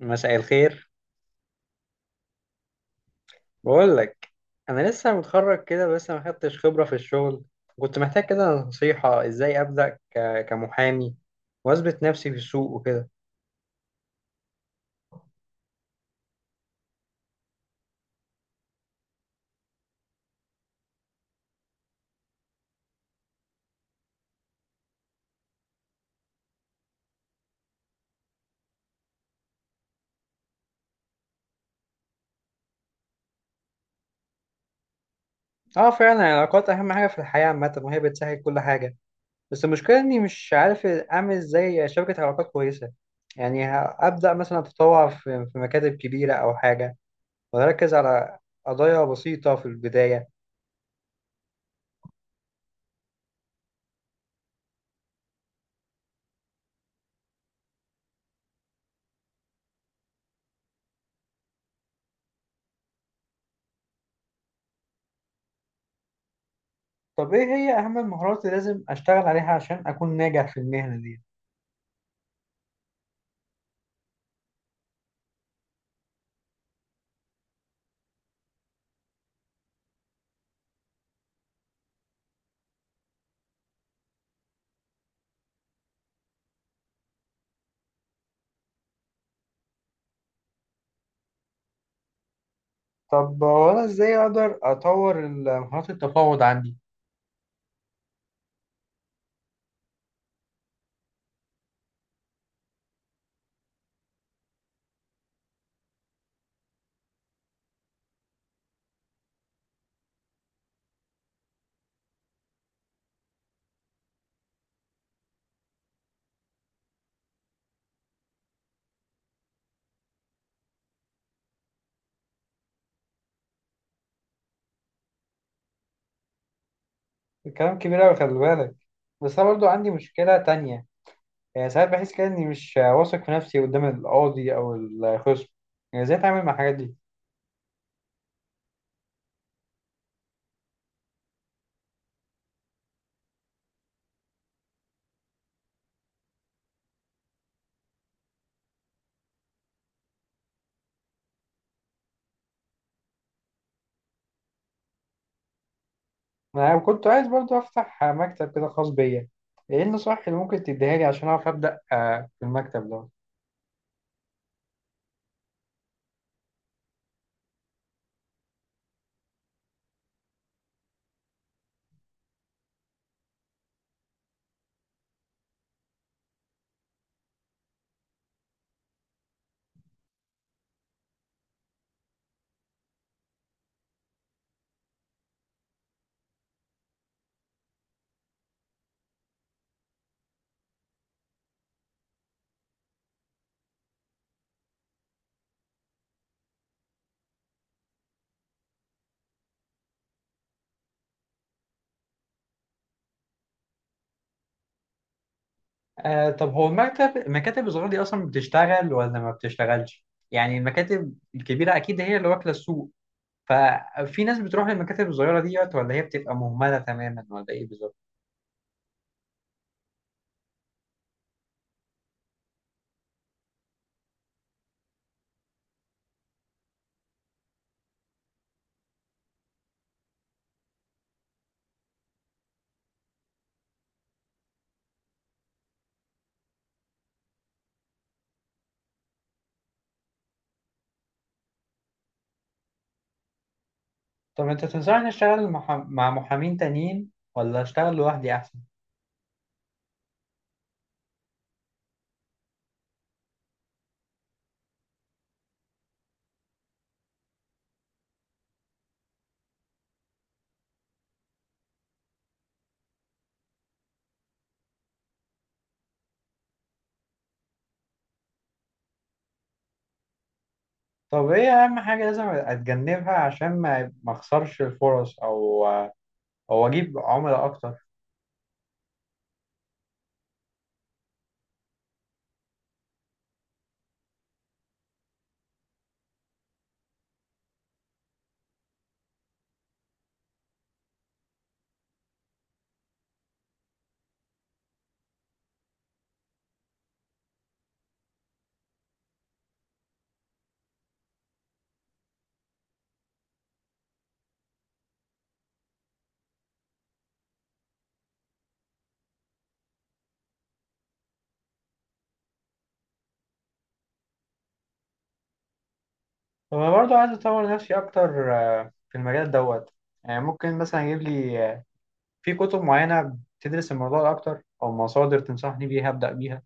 مساء الخير. بقول لك، انا لسه متخرج كده بس ما خدتش خبره في الشغل. كنت محتاج كده نصيحه ازاي ابدا كمحامي واثبت نفسي في السوق وكده. اه فعلا العلاقات اهم حاجه في الحياه عامه، وهي بتسهل كل حاجه. بس المشكله اني مش عارف اعمل ازاي شبكه علاقات كويسه. يعني ابدا مثلا اتطوع في مكاتب كبيره او حاجه، واركز على قضايا بسيطه في البدايه. طب ايه هي اهم المهارات اللي لازم اشتغل عليها عشان اكون ناجح في المهنه دي؟ طب هو انا ازاي اقدر اطور مهارات التفاوض عندي؟ الكلام كبير قوي، خلي بالك. بس انا برضو عندي مشكله تانية. يعني ساعات بحس كده اني مش واثق في نفسي قدام القاضي او الخصم. يعني ازاي اتعامل مع الحاجات دي؟ انا كنت عايز برضو افتح مكتب كده خاص بيا. ايه النصائح اللي ممكن تديها لي عشان اعرف ابدا في المكتب ده؟ آه طب هو المكاتب الصغيره دي اصلا بتشتغل ولا ما بتشتغلش؟ يعني المكاتب الكبيره اكيد هي اللي واكله السوق. ففي ناس بتروح للمكاتب الصغيرة ديت ولا هي بتبقى مهملة تماما ولا ايه بالظبط؟ طب انت تنصحني اشتغل مع محامين تانيين ولا اشتغل لوحدي احسن؟ طب ايه اهم حاجة لازم اتجنبها عشان ما اخسرش الفرص او اجيب عملاء اكتر؟ طب انا برضه عايز اطور نفسي اكتر، في المجال دوت. يعني ممكن مثلا اجيب لي في كتب معينة بتدرس الموضوع ده اكتر، او مصادر تنصحني بيها ابدأ بيها؟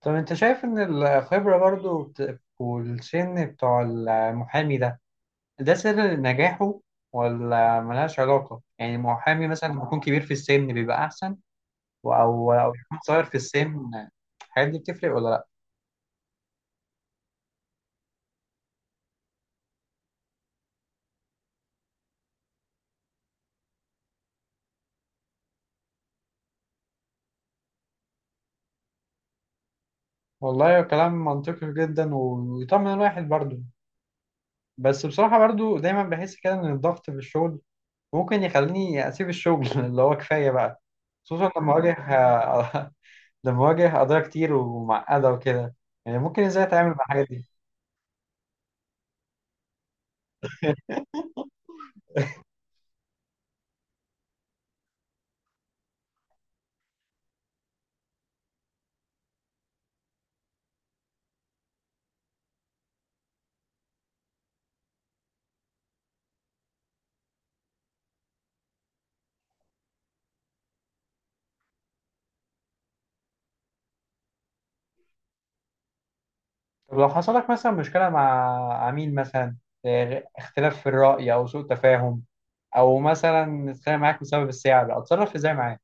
طب انت شايف ان الخبرة برضو والسن بتوع المحامي ده، ده سر نجاحه ولا ملهاش علاقة؟ يعني المحامي مثلا لما يكون كبير في السن بيبقى احسن، او يكون صغير في السن؟ الحاجات دي بتفرق ولا لا؟ والله كلام منطقي جدا، ويطمن الواحد برضو. بس بصراحة برضو دايما بحس كده ان الضغط في الشغل ممكن يخليني اسيب الشغل اللي هو كفاية بقى، خصوصا لما اواجه ده مواجه قضايا كتير ومعقدة وكده. يعني ممكن ازاي اتعامل مع الحاجات دي؟ طب لو حصل لك مثلا مشكلة مع عميل مثلا، اختلاف في الرأي او سوء تفاهم، او مثلا اتخانق معاك بسبب السعر، اتصرف ازاي معاه؟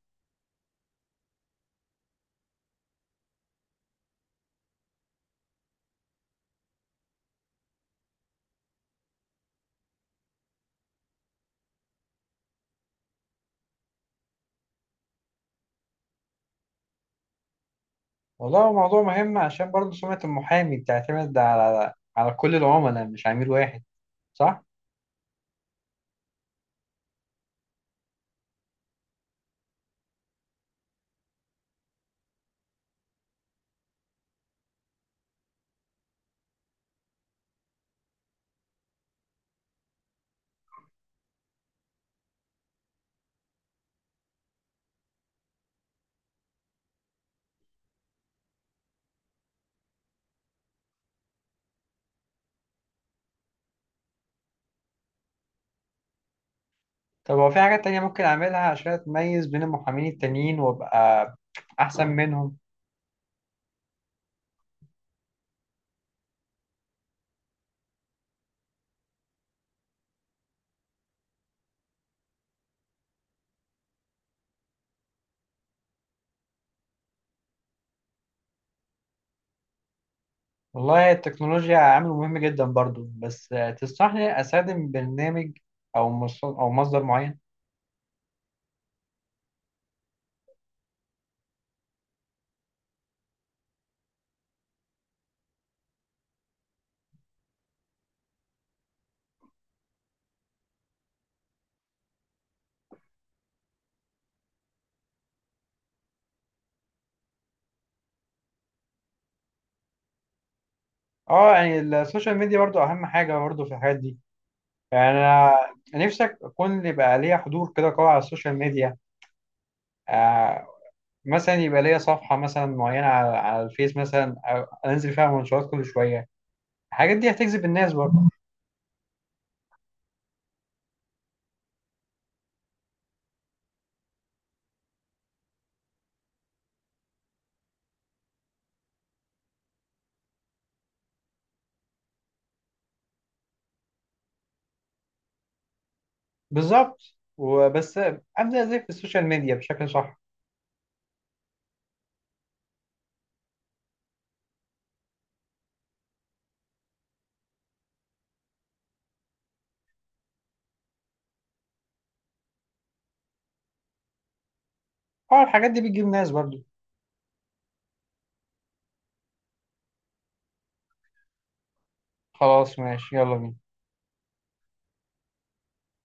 والله هو موضوع مهم، عشان برضه سمعة المحامي بتعتمد على كل العملاء مش عميل واحد، صح؟ طب هو في حاجات تانية ممكن اعملها عشان اتميز بين المحامين التانيين وابقى احسن منهم؟ والله التكنولوجيا عامل مهم جدا برضو. بس تنصحني استخدم برنامج او او مصدر معين؟ اه يعني السوشيال ميديا برضو اهم حاجه برضو في الحاجات دي. يعني انا نفسك اكون يبقى ليا حضور كده قوي على السوشيال ميديا، آه، مثلا يبقى ليا صفحه مثلا معينه على الفيس مثلا، أو انزل فيها منشورات كل شويه. الحاجات دي هتجذب الناس برضو؟ بالظبط. وبس ابدا ازاي في السوشيال ميديا بشكل صح؟ اه الحاجات دي بتجيب ناس برضو. خلاص ماشي، يلا بينا.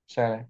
سلام.